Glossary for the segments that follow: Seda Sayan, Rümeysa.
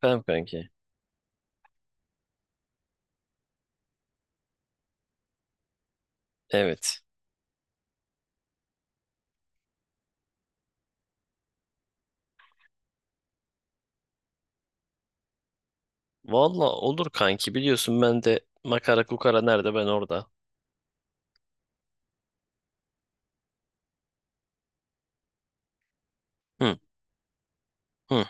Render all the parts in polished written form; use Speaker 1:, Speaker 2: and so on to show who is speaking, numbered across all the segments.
Speaker 1: Tamam kanki. Evet. Valla olur kanki, biliyorsun ben de makara kukara nerede ben orada. Hı hı.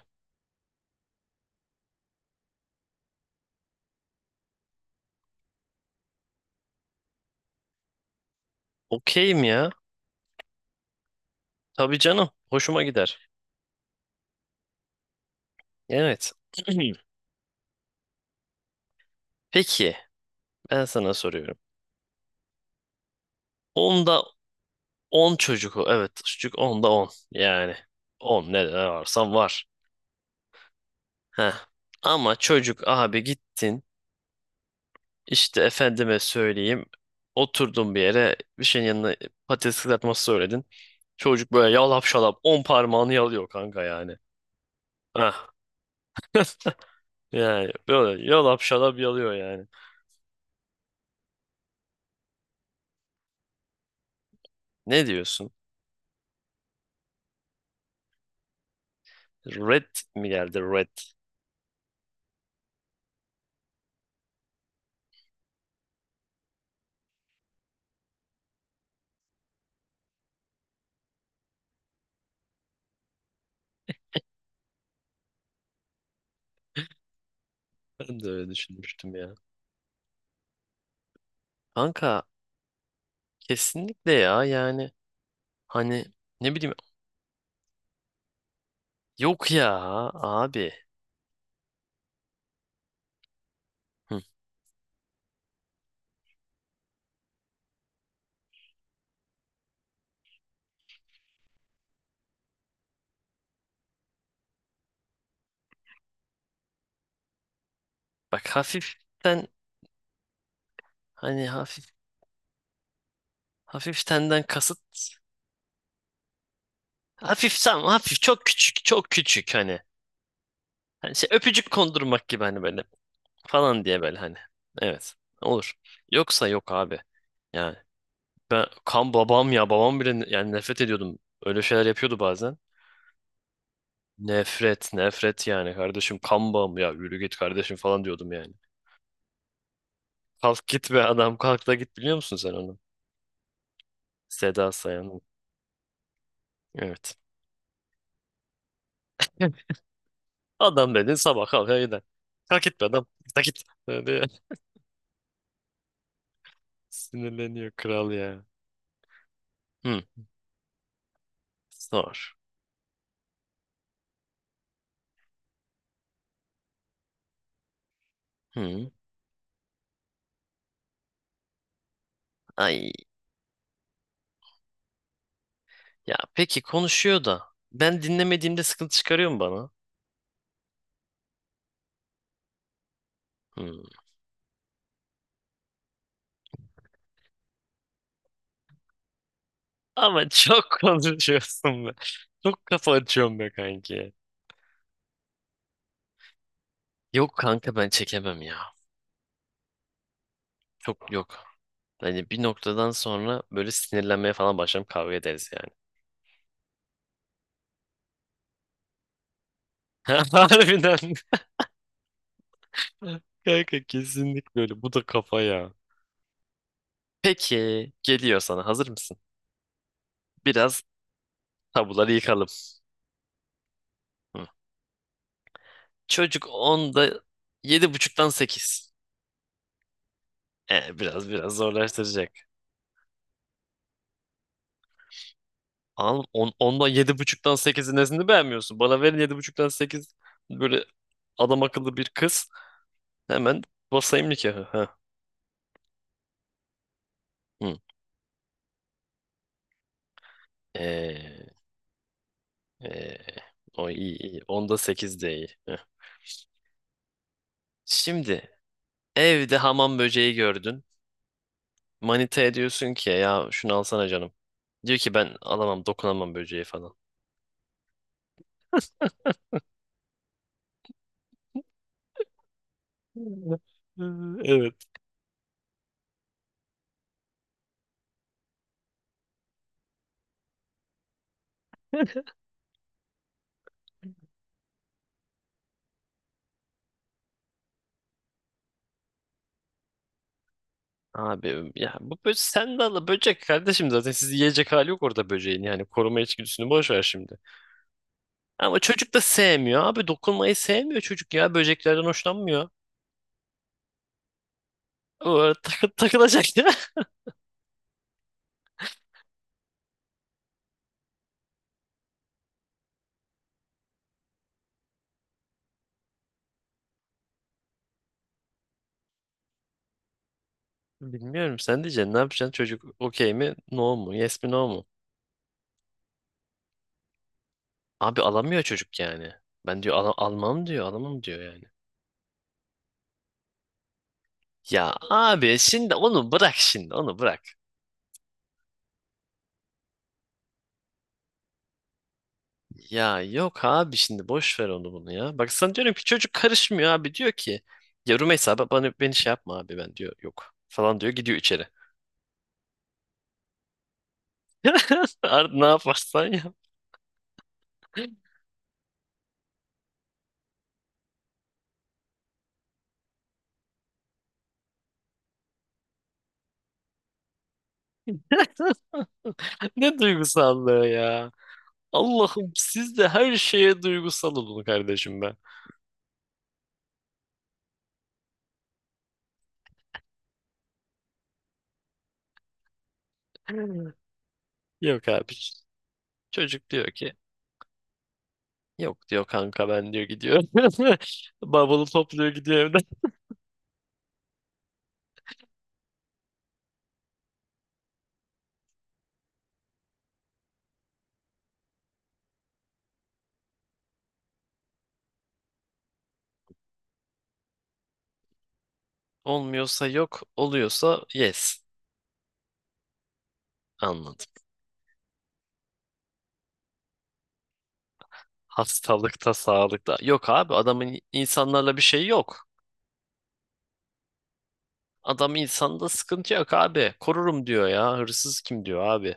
Speaker 1: Okeyim ya. Tabii canım. Hoşuma gider. Evet. Peki, ben sana soruyorum. Onda 10 çocuk o. Evet, çocuk onda on. Yani on, ne varsan var. Heh. Ama çocuk abi, gittin. İşte efendime söyleyeyim. Oturdun bir yere, bir şeyin yanına patates kızartması söyledin. Çocuk böyle yalap şalap 10 parmağını yalıyor kanka yani. Hah. Yani böyle yalap şalap yalıyor yani. Ne diyorsun? Red mi geldi, red? Ben de öyle düşünmüştüm ya. Kanka kesinlikle ya, yani hani, ne bileyim, yok ya abi. Hı. Bak, hafiften, hani hafif, hafiftenden kasıt hafif, tam hafif, çok küçük çok küçük hani. Hani şey, öpücük kondurmak gibi hani böyle falan diye böyle hani. Evet. Olur. Yoksa yok abi. Yani ben kan babam ya, babam bile yani nefret ediyordum. Öyle şeyler yapıyordu bazen. Nefret, nefret yani, kardeşim kan bağım ya, yürü git kardeşim falan diyordum yani. Kalk git be adam, kalk da git, biliyor musun sen onu? Seda Sayan'ın. Evet. Adam dedin, sabah kalkar gider. Kalk git be adam. Kalk git. Böyle. Sinirleniyor kral ya. Hı. Sor. Hı. Ay. Ya peki, konuşuyor da ben dinlemediğimde sıkıntı çıkarıyor mu bana? Hmm. Ama çok konuşuyorsun be. Çok kafa açıyorum be kanki. Yok kanka, ben çekemem ya. Çok, yok. Hani bir noktadan sonra böyle sinirlenmeye falan başlarım, kavga ederiz yani. Harbiden. Kanka kesinlikle öyle. Bu da kafa ya. Peki, geliyor sana. Hazır mısın? Biraz tabuları yıkalım. Hı. Çocuk onda yedi buçuktan 8. Biraz biraz zorlaştıracak. Ondan, yedi buçuktan sekizin nesini beğenmiyorsun? Bana verin yedi buçuktan sekiz, böyle adam akıllı bir kız. Hemen basayım nikahı. Ha. Hı. Ee, ee, O iyi, iyi. Onda 8 de iyi. Heh. Şimdi, evde hamam böceği gördün. Manitaya diyorsun ki ya şunu alsana canım. Diyor ki ben alamam, dokunamam böceği falan. Evet. Abi ya, bu böcek, sen de al böcek kardeşim, zaten sizi yiyecek hali yok orada böceğin, yani koruma içgüdüsünü boş ver şimdi. Ama çocuk da sevmiyor. Abi, dokunmayı sevmiyor çocuk ya. Böceklerden hoşlanmıyor. O ara takılacak ya. Bilmiyorum, sen diyeceksin ne yapacaksın, çocuk okey mi, no mu, yes mi, no mu? Abi alamıyor çocuk yani. Ben diyor, Almam diyor, alamam diyor" yani. Ya abi, şimdi onu bırak, şimdi onu bırak. Ya yok abi, şimdi boş ver onu bunu ya. Bak sana diyorum ki çocuk karışmıyor abi, diyor ki. Ya Rümeysa bana, beni şey yapma abi, ben diyor yok falan diyor, gidiyor içeri. Ne yaparsan yap. Ne duygusallığı ya. Allah'ım, siz de her şeye duygusal olun kardeşim, ben. Yok abi. Çocuk diyor ki yok diyor kanka, ben diyor gidiyor. Bavulu topluyor, gidiyor evden. Olmuyorsa yok, oluyorsa yes. Anladım. Hastalıkta, sağlıkta. Yok abi, adamın insanlarla bir şey yok. Adam insanda sıkıntı yok abi. Korurum diyor ya. Hırsız kim diyor abi.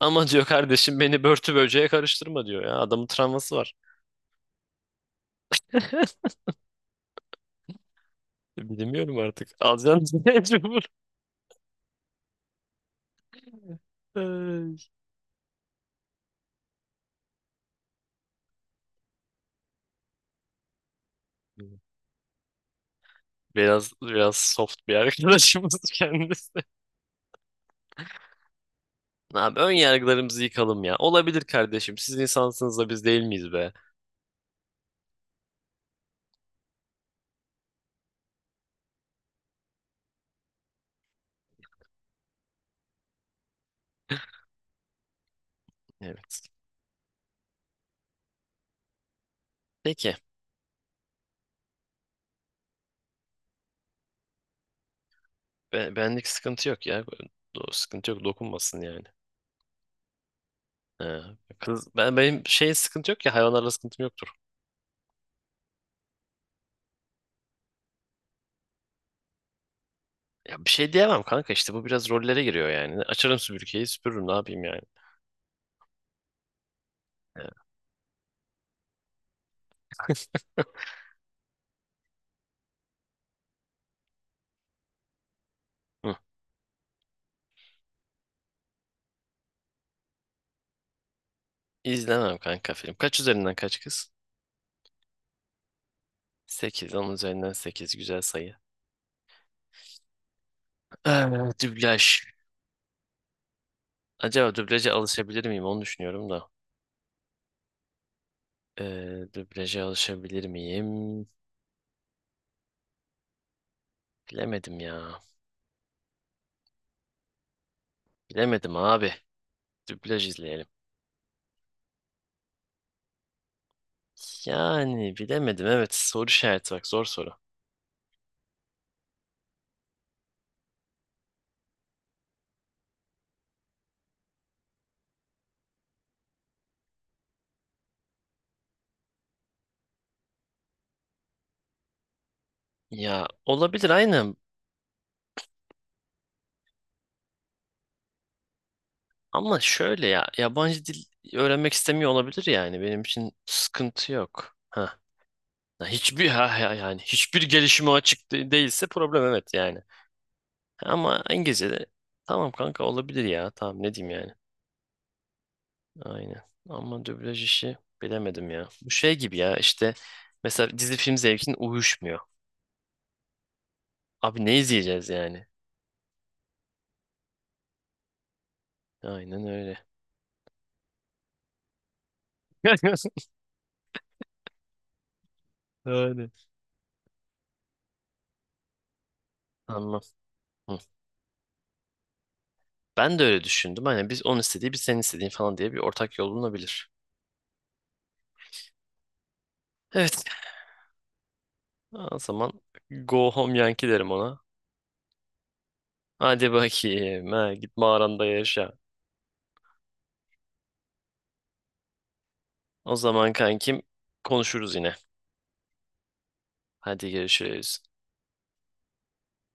Speaker 1: Ama diyor kardeşim, beni börtü böceğe karıştırma diyor ya. Adamın travması var. Bilmiyorum artık. Alacağım mecbur. Ay. Biraz biraz soft bir arkadaşımız kendisi. Abi, ön yargılarımızı yıkalım ya. Olabilir kardeşim. Siz insansınız da biz değil miyiz be? Evet. Peki. Benlik sıkıntı yok ya. Sıkıntı yok. Dokunmasın yani. He. Kız, ben benim şey, sıkıntı yok ya, hayvanlarla sıkıntım yoktur. Ya bir şey diyemem kanka, işte bu biraz rollere giriyor yani. Açarım süpürgeyi, süpürürüm, ne yapayım yani. He. Hı. İzlemem kanka film. Kaç üzerinden kaç kız? 8, 10 üzerinden 8 güzel sayı. Ee, Dublaj. Acaba dublaja alışabilir miyim? Onu düşünüyorum da. Dublaja alışabilir miyim? Bilemedim ya. Bilemedim abi. Dublaj izleyelim. Yani bilemedim, evet. Soru işareti, bak zor soru. Ya olabilir, aynen. Ama şöyle ya, yabancı dil öğrenmek istemiyor olabilir yani. Benim için sıkıntı yok. Ha. Hiçbir yani hiçbir gelişime açık değilse, problem, evet yani. Ama İngilizce'de tamam kanka, olabilir ya. Tamam, ne diyeyim yani. Aynen. Ama dublaj işi bilemedim ya. Bu şey gibi ya işte, mesela dizi film zevkin uyuşmuyor. Abi, ne izleyeceğiz yani? Aynen öyle. Öyle. Anladım. Hı. Ben de öyle düşündüm. Hani biz onun istediği, biz senin istediğin falan diye bir ortak yol bulunabilir. Evet. O zaman go home Yankee derim ona. Hadi bakayım. Ha, git mağaranda yaşa. O zaman kankim, konuşuruz yine. Hadi görüşürüz.